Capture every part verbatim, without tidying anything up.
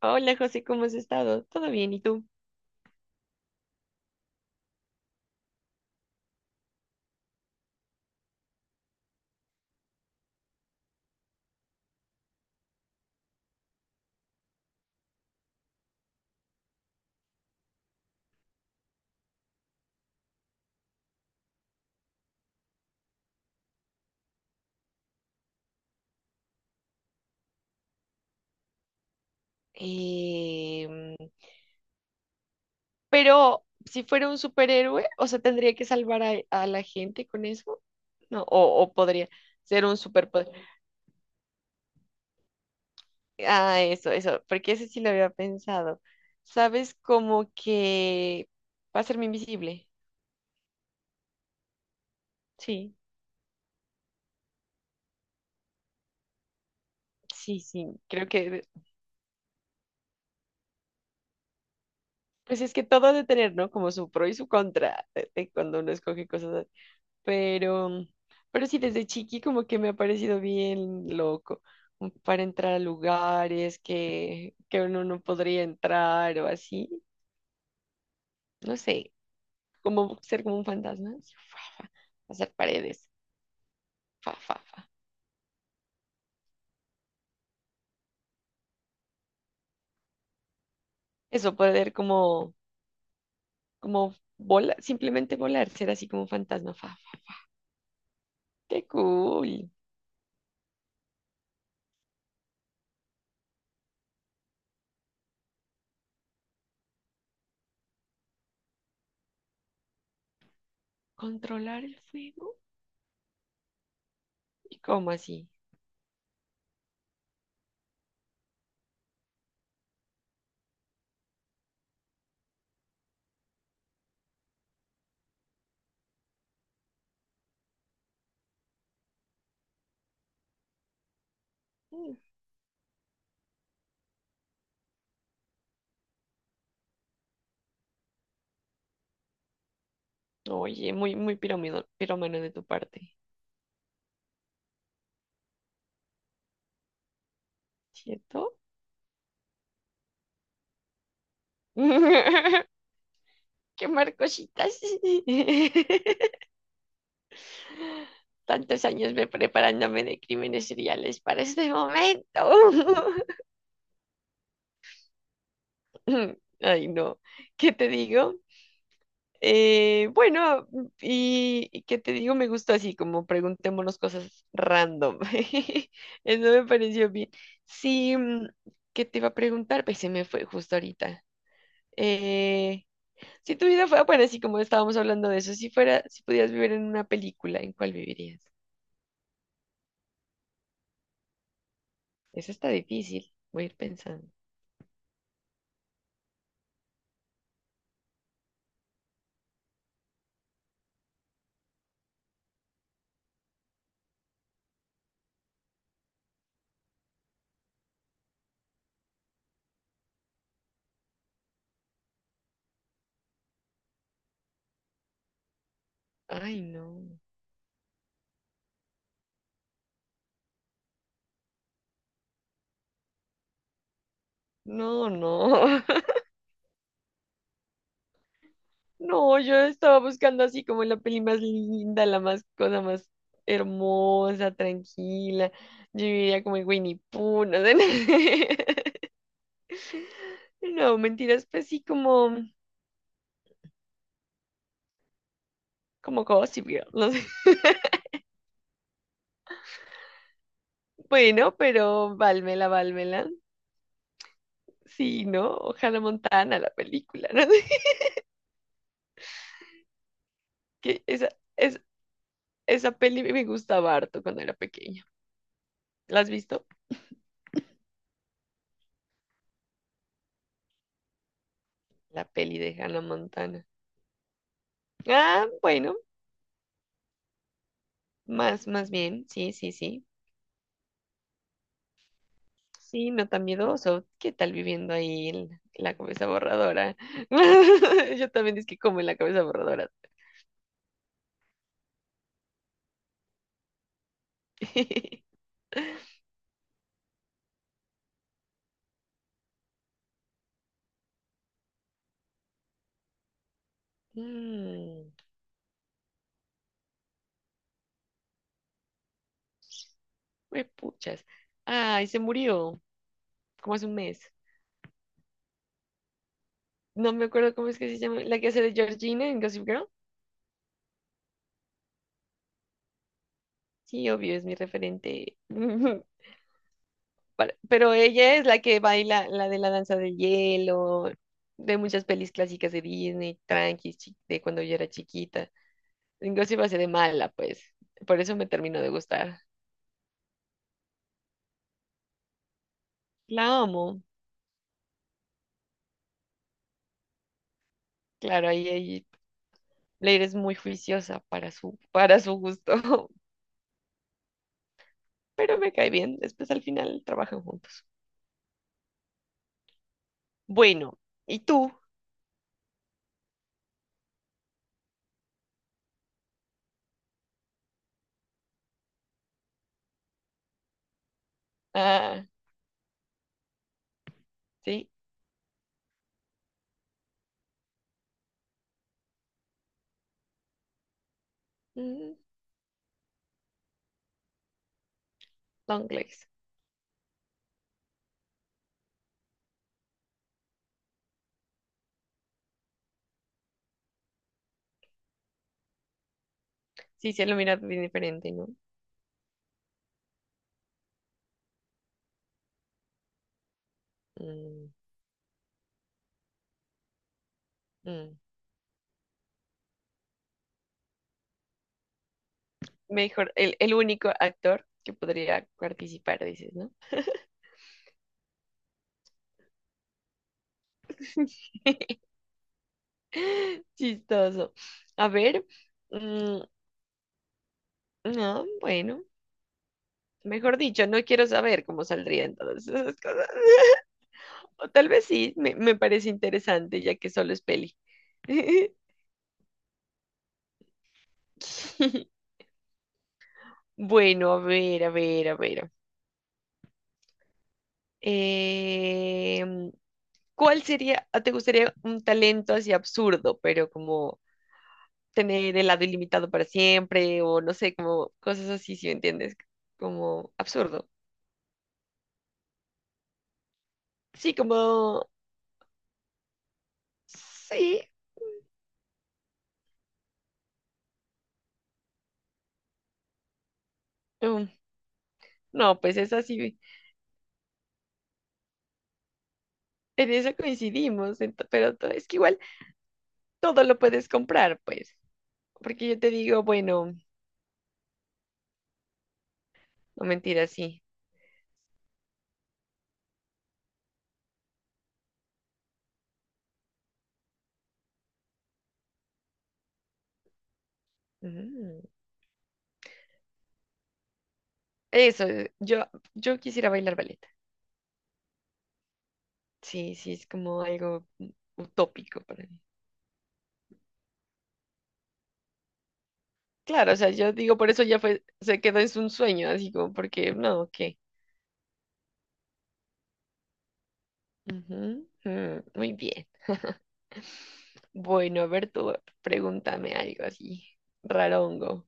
Hola José, ¿cómo has estado? ¿Todo bien? ¿Y tú? Em, pero si fuera un superhéroe, o sea, tendría que salvar a, a la gente con eso, ¿no? O, o podría ser un superpoder. Ah, eso, eso, porque ese sí lo había pensado. ¿Sabes? Como que va a serme invisible. Sí, sí, sí, creo que, pues es que todo ha de tener, ¿no? Como su pro y su contra de- de cuando uno escoge cosas pero, pero sí, desde chiqui como que me ha parecido bien loco mm, para entrar a lugares que, que uno no podría entrar o así, no sé, como ser como un fantasma, así, fa, fa, hacer paredes, fa, fa, fa. Eso, poder como, como volar, simplemente volar, ser así como un fantasma, fa, fa. Qué cool. Controlar el fuego. ¿Y cómo así? Mm. Oye, muy, muy piromido- pirómano de tu parte, ¿cierto? Quemar cositas. Tantos años me preparándome de crímenes seriales para este momento. Ay, no. ¿Qué te digo? Eh, bueno, y, y qué te digo, me gustó así, como preguntémonos cosas random. Eso me pareció bien. Sí, mm, ¿qué te iba a preguntar? Pues se me fue justo ahorita. Eh, si tu vida fuera, bueno, así como estábamos hablando de eso, si fuera, si pudieras vivir en una película, ¿en cuál vivirías? Eso está difícil. Voy a ir pensando. Ay, no. No, no. No, yo estaba buscando así como la peli más linda, la más cosa más hermosa, tranquila. Yo diría como en Winnie Pooh, no sé. No, mentiras, pues sí, como, como Gossip Girl, no sé. Bueno, pero válmela, válmela. Sí, ¿no? Ojalá Montana, la película, ¿no? Que esa, es, esa peli me gustaba harto cuando era pequeña. ¿La has visto? La peli de Hannah Montana. Ah, bueno, más, más bien, sí, sí, sí. Sí, no tan miedoso. ¿Qué tal viviendo ahí en la cabeza borradora? Yo también es que como en la cabeza borradora. Mm, me puchas. Ay, se murió como hace un mes. No me acuerdo cómo es que se llama. La que hace de Georgina en Gossip Girl. Sí, obvio, es mi referente. Para- pero ella es la que baila la de la danza de hielo, de muchas pelis clásicas de Disney, tranquis, chi- de cuando yo era chiquita. Inclusive hace de mala, pues. Por eso me terminó de gustar. La amo. Claro, ahí, ahí Leire es muy juiciosa para su, para su gusto, pero me cae bien. Después al final trabajan juntos. Bueno, ¿y tú? Ah, sí. Mm, long legs. Sí, se lo mira bien diferente, ¿no? Mm, mm. Mejor, el, el único actor que podría participar, dices, ¿no? Chistoso. A ver, mm, no, bueno, mejor dicho, no quiero saber cómo saldrían todas esas cosas. O tal vez sí, me, me parece interesante, ya que solo es peli. Bueno, a ver, a ver, a ver. Em, ¿Cuál sería, ah, te gustaría un talento así absurdo, pero como tener helado ilimitado para siempre o no sé, como cosas así, si me entiendes, como absurdo? Sí, como, sí, mm, no, pues es así, en eso coincidimos, ento- pero to- es que igual todo lo puedes comprar, pues, porque yo te digo, bueno, no mentira, sí. Mm. Eso, eh, yo, yo quisiera bailar ballet. Sí, sí, es como algo mm, utópico para mí. Claro, o sea, yo digo, por eso ya fue, se quedó en un sueño, así como, porque no, ¿qué? Ujú, mm, muy bien. Bueno, a ver tú, pregúntame algo así, rarongo.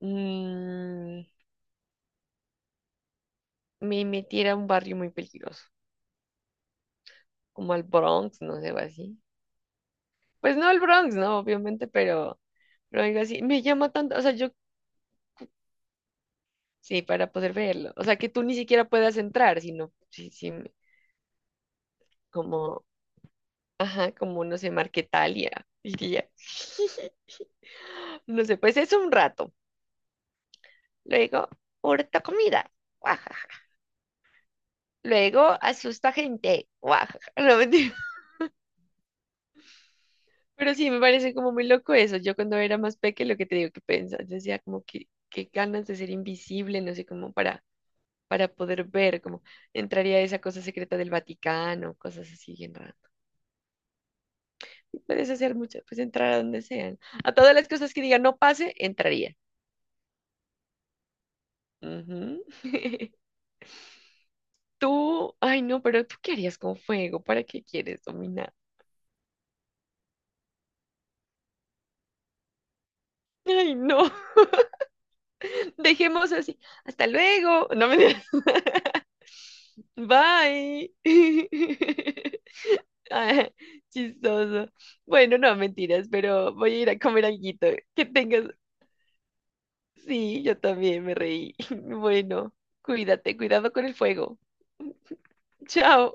Mm, me metiera a un barrio muy peligroso, como al Bronx, no sé, o así. Pues no al Bronx, no, obviamente, pero, pero algo así. Me llama tanto, o sea, yo, sí, para poder verlo. O sea, que tú ni siquiera puedas entrar, sino, sí, sí, como, ajá, como, no sé, Marquetalia, diría. No sé, pues es un rato. Luego, ahorita comida. Luego asusta gente. Guajaja. No, mentira. Pero sí, me parece como muy loco eso. Yo cuando era más pequeña lo que te digo que pensaba, decía como que qué ganas de ser invisible, no sé, como para, para poder ver, como entraría a esa cosa secreta del Vaticano, cosas así bien raras. Puedes hacer mucho, pues entrar a donde sean. A todas las cosas que digan no pase, entraría. Ujú. Tú, ay no, pero tú qué harías con fuego, ¿para qué quieres dominar? Ay no, dejemos así. Hasta luego. No me Bye. Ah, chistoso. Bueno, no, mentiras, pero voy a ir a comer alguito. Que tengas. Sí, yo también me reí. Bueno, cuídate, cuidado con el fuego. Chao.